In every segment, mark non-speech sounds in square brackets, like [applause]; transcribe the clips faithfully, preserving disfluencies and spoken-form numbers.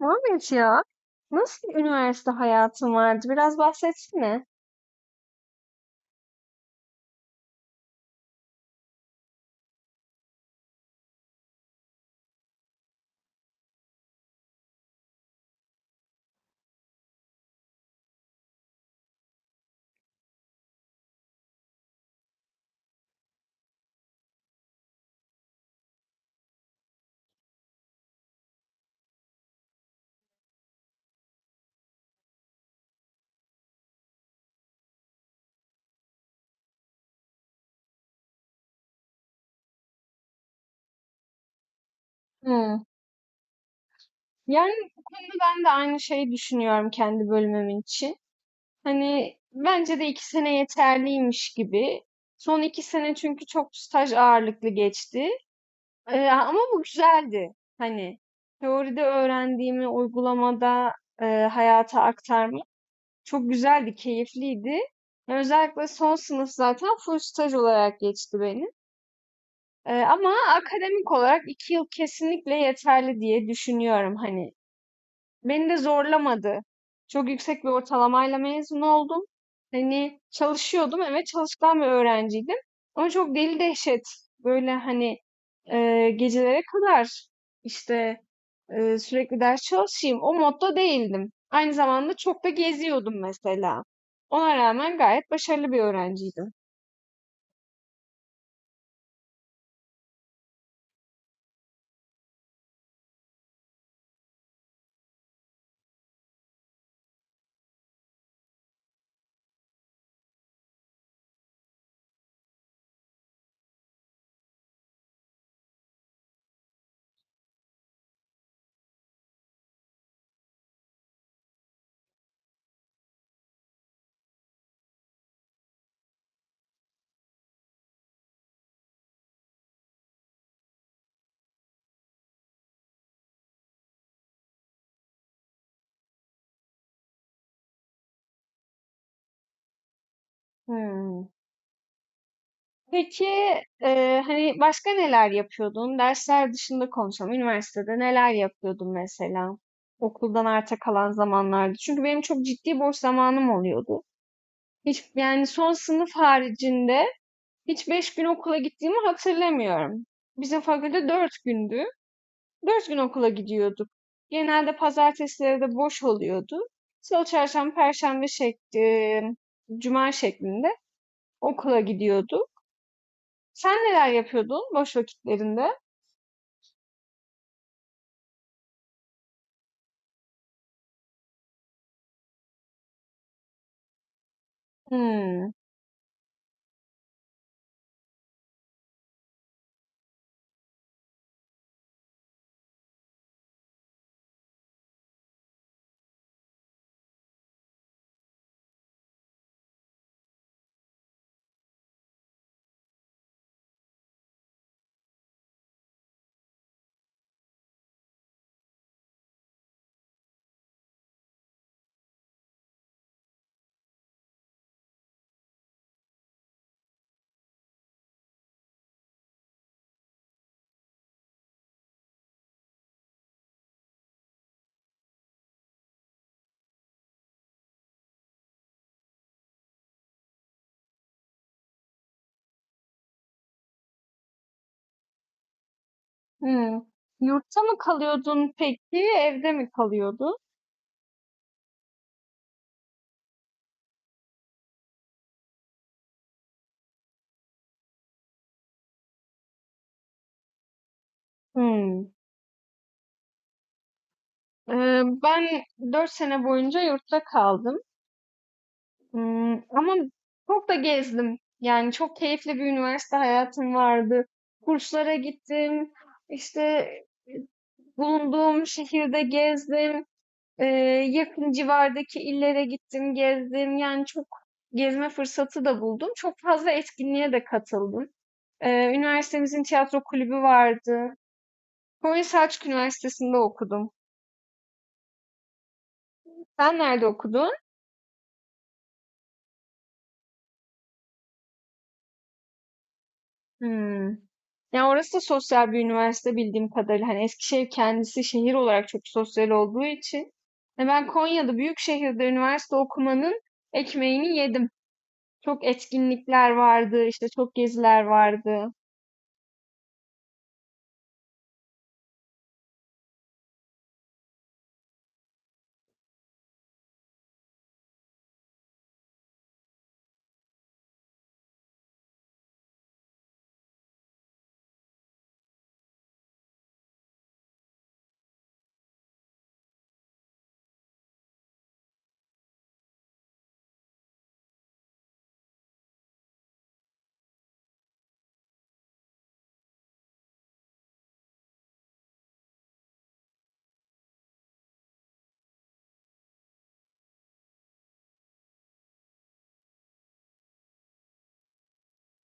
Muhammed ya, nasıl bir üniversite hayatın vardı? Biraz bahsetsene. Hı. Yani bu konuda ben de aynı şeyi düşünüyorum kendi bölümüm için. Hani bence de iki sene yeterliymiş gibi. Son iki sene çünkü çok staj ağırlıklı geçti. Ee, ama bu güzeldi. Hani teoride öğrendiğimi uygulamada e, hayata aktarmak çok güzeldi, keyifliydi. Özellikle son sınıf zaten full staj olarak geçti benim. Eee, ama akademik olarak iki yıl kesinlikle yeterli diye düşünüyorum hani. Beni de zorlamadı. Çok yüksek bir ortalamayla mezun oldum. Hani çalışıyordum, evet çalışkan bir öğrenciydim. Ama çok deli dehşet böyle hani eee, gecelere kadar işte eee, sürekli ders çalışayım o modda değildim. Aynı zamanda çok da geziyordum mesela. Ona rağmen gayet başarılı bir öğrenciydim. Hmm. Peki, eee, hani başka neler yapıyordun? Dersler dışında konuşalım. Üniversitede neler yapıyordun mesela? Okuldan arta kalan zamanlarda. Çünkü benim çok ciddi boş zamanım oluyordu. Hiç yani son sınıf haricinde hiç beş gün okula gittiğimi hatırlamıyorum. Bizim fakülte dört gündü. Dört gün okula gidiyorduk. Genelde pazartesileri de boş oluyordu. Salı, çarşamba, perşembe şekli, cuma şeklinde okula gidiyordu. Sen neler yapıyordun boş vakitlerinde? Hmm, hmm. Yurtta mı kalıyordun peki, evde mi kalıyordun? Hmm. Ee, ben dört sene boyunca yurtta kaldım. Hmm, ama çok da gezdim. Yani çok keyifli bir üniversite hayatım vardı. Kurslara gittim. İşte bulunduğum şehirde gezdim. Eee, Yakın civardaki illere gittim, gezdim. Yani çok gezme fırsatı da buldum. Çok fazla etkinliğe de katıldım. Eee, üniversitemizin tiyatro kulübü vardı. Konya Selçuk Üniversitesi'nde okudum. Sen nerede okudun? Hmm. Ya orası da sosyal bir üniversite bildiğim kadarıyla. Hani Eskişehir kendisi şehir olarak çok sosyal olduğu için. E ben Konya'da büyük şehirde üniversite okumanın ekmeğini yedim. Çok etkinlikler vardı, işte çok geziler vardı.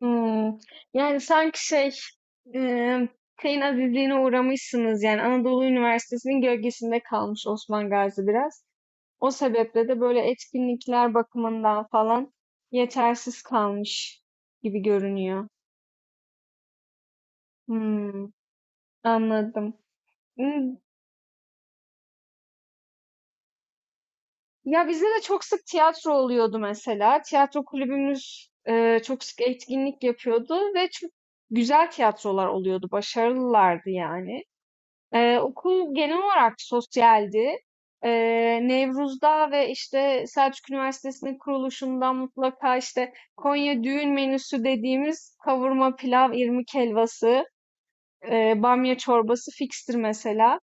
Hımm. Yani, sanki şey, emm, şeyin azizliğine uğramışsınız, yani, Anadolu Üniversitesi'nin gölgesinde kalmış Osman Gazi biraz. O sebeple de böyle etkinlikler bakımından falan yetersiz kalmış gibi görünüyor. Hımm, anladım. Imm, ya, bizde de çok sık tiyatro oluyordu mesela. Tiyatro kulübümüz, eee, çok sık etkinlik yapıyordu ve çok güzel tiyatrolar oluyordu, başarılılardı yani. Eee, okul genel olarak sosyaldi. Eee, Nevruz'da ve işte Selçuk Üniversitesi'nin kuruluşundan mutlaka işte Konya düğün menüsü dediğimiz kavurma, pilav, irmik helvası, eee, bamya çorbası fikstir mesela.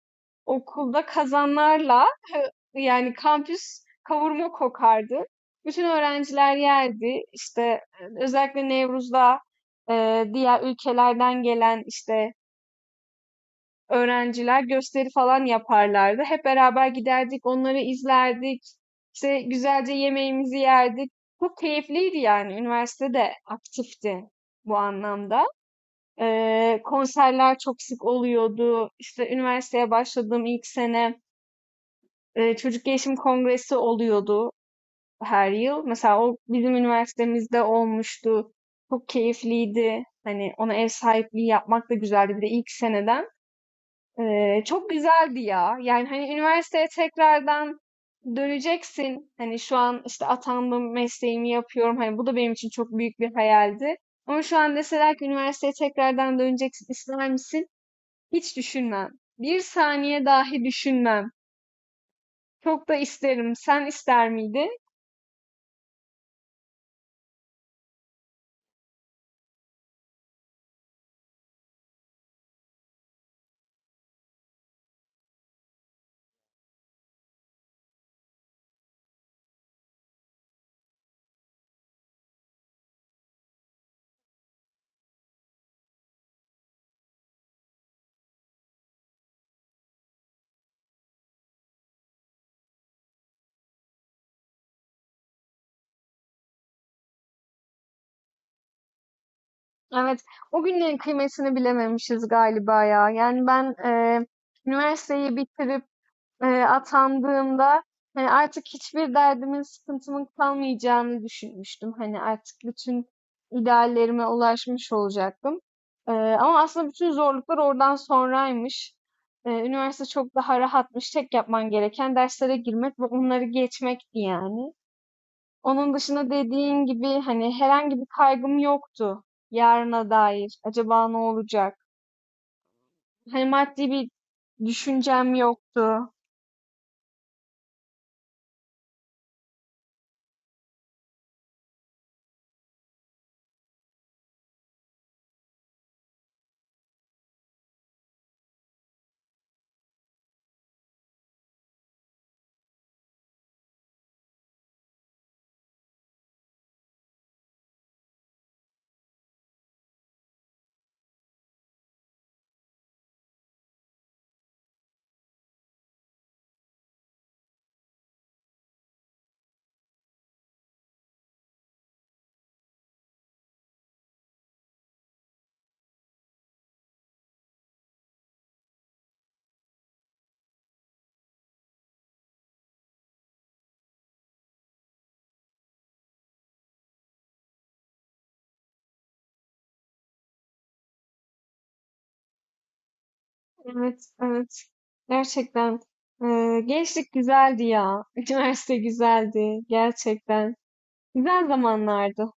Okulda kazanlarla [laughs] yani kampüs kavurma kokardı. Bütün öğrenciler yerdi. İşte e, özellikle Nevruz'da e, diğer ülkelerden gelen işte öğrenciler gösteri falan yaparlardı. Hep beraber giderdik, onları izlerdik. İşte güzelce yemeğimizi yerdik. Çok keyifliydi yani. Üniversite de aktifti bu anlamda. Ee, konserler çok sık oluyordu. İşte üniversiteye başladığım ilk sene e, çocuk gelişim kongresi oluyordu her yıl. Mesela o bizim üniversitemizde olmuştu. Çok keyifliydi. Hani ona ev sahipliği yapmak da güzeldi. Bir de ilk seneden. Eee, çok güzeldi ya. Yani hani üniversiteye tekrardan döneceksin. Hani şu an işte atandım, mesleğimi yapıyorum. Hani bu da benim için çok büyük bir hayaldi. Ama şu an deseler ki üniversiteye tekrardan döneceksin, ister misin? Hiç düşünmem. Bir saniye dahi düşünmem. Çok da isterim. Sen ister miydin? Evet. O günlerin kıymetini bilememişiz galiba ya. Yani ben eee, üniversiteyi bitirip eee, atandığımda hani artık hiçbir derdimin, sıkıntımın kalmayacağını düşünmüştüm. Hani artık bütün ideallerime ulaşmış olacaktım. Eee, ama aslında bütün zorluklar oradan sonraymış. Eee, üniversite çok daha rahatmış. Tek yapman gereken derslere girmek ve onları geçmekti yani. Onun dışında dediğin gibi hani herhangi bir kaygım yoktu yarına dair. Acaba ne olacak? Hani maddi bir düşüncem yoktu. Evet, evet. Gerçekten. Eee, gençlik güzeldi ya. [laughs] Üniversite güzeldi. Gerçekten. Güzel zamanlardı.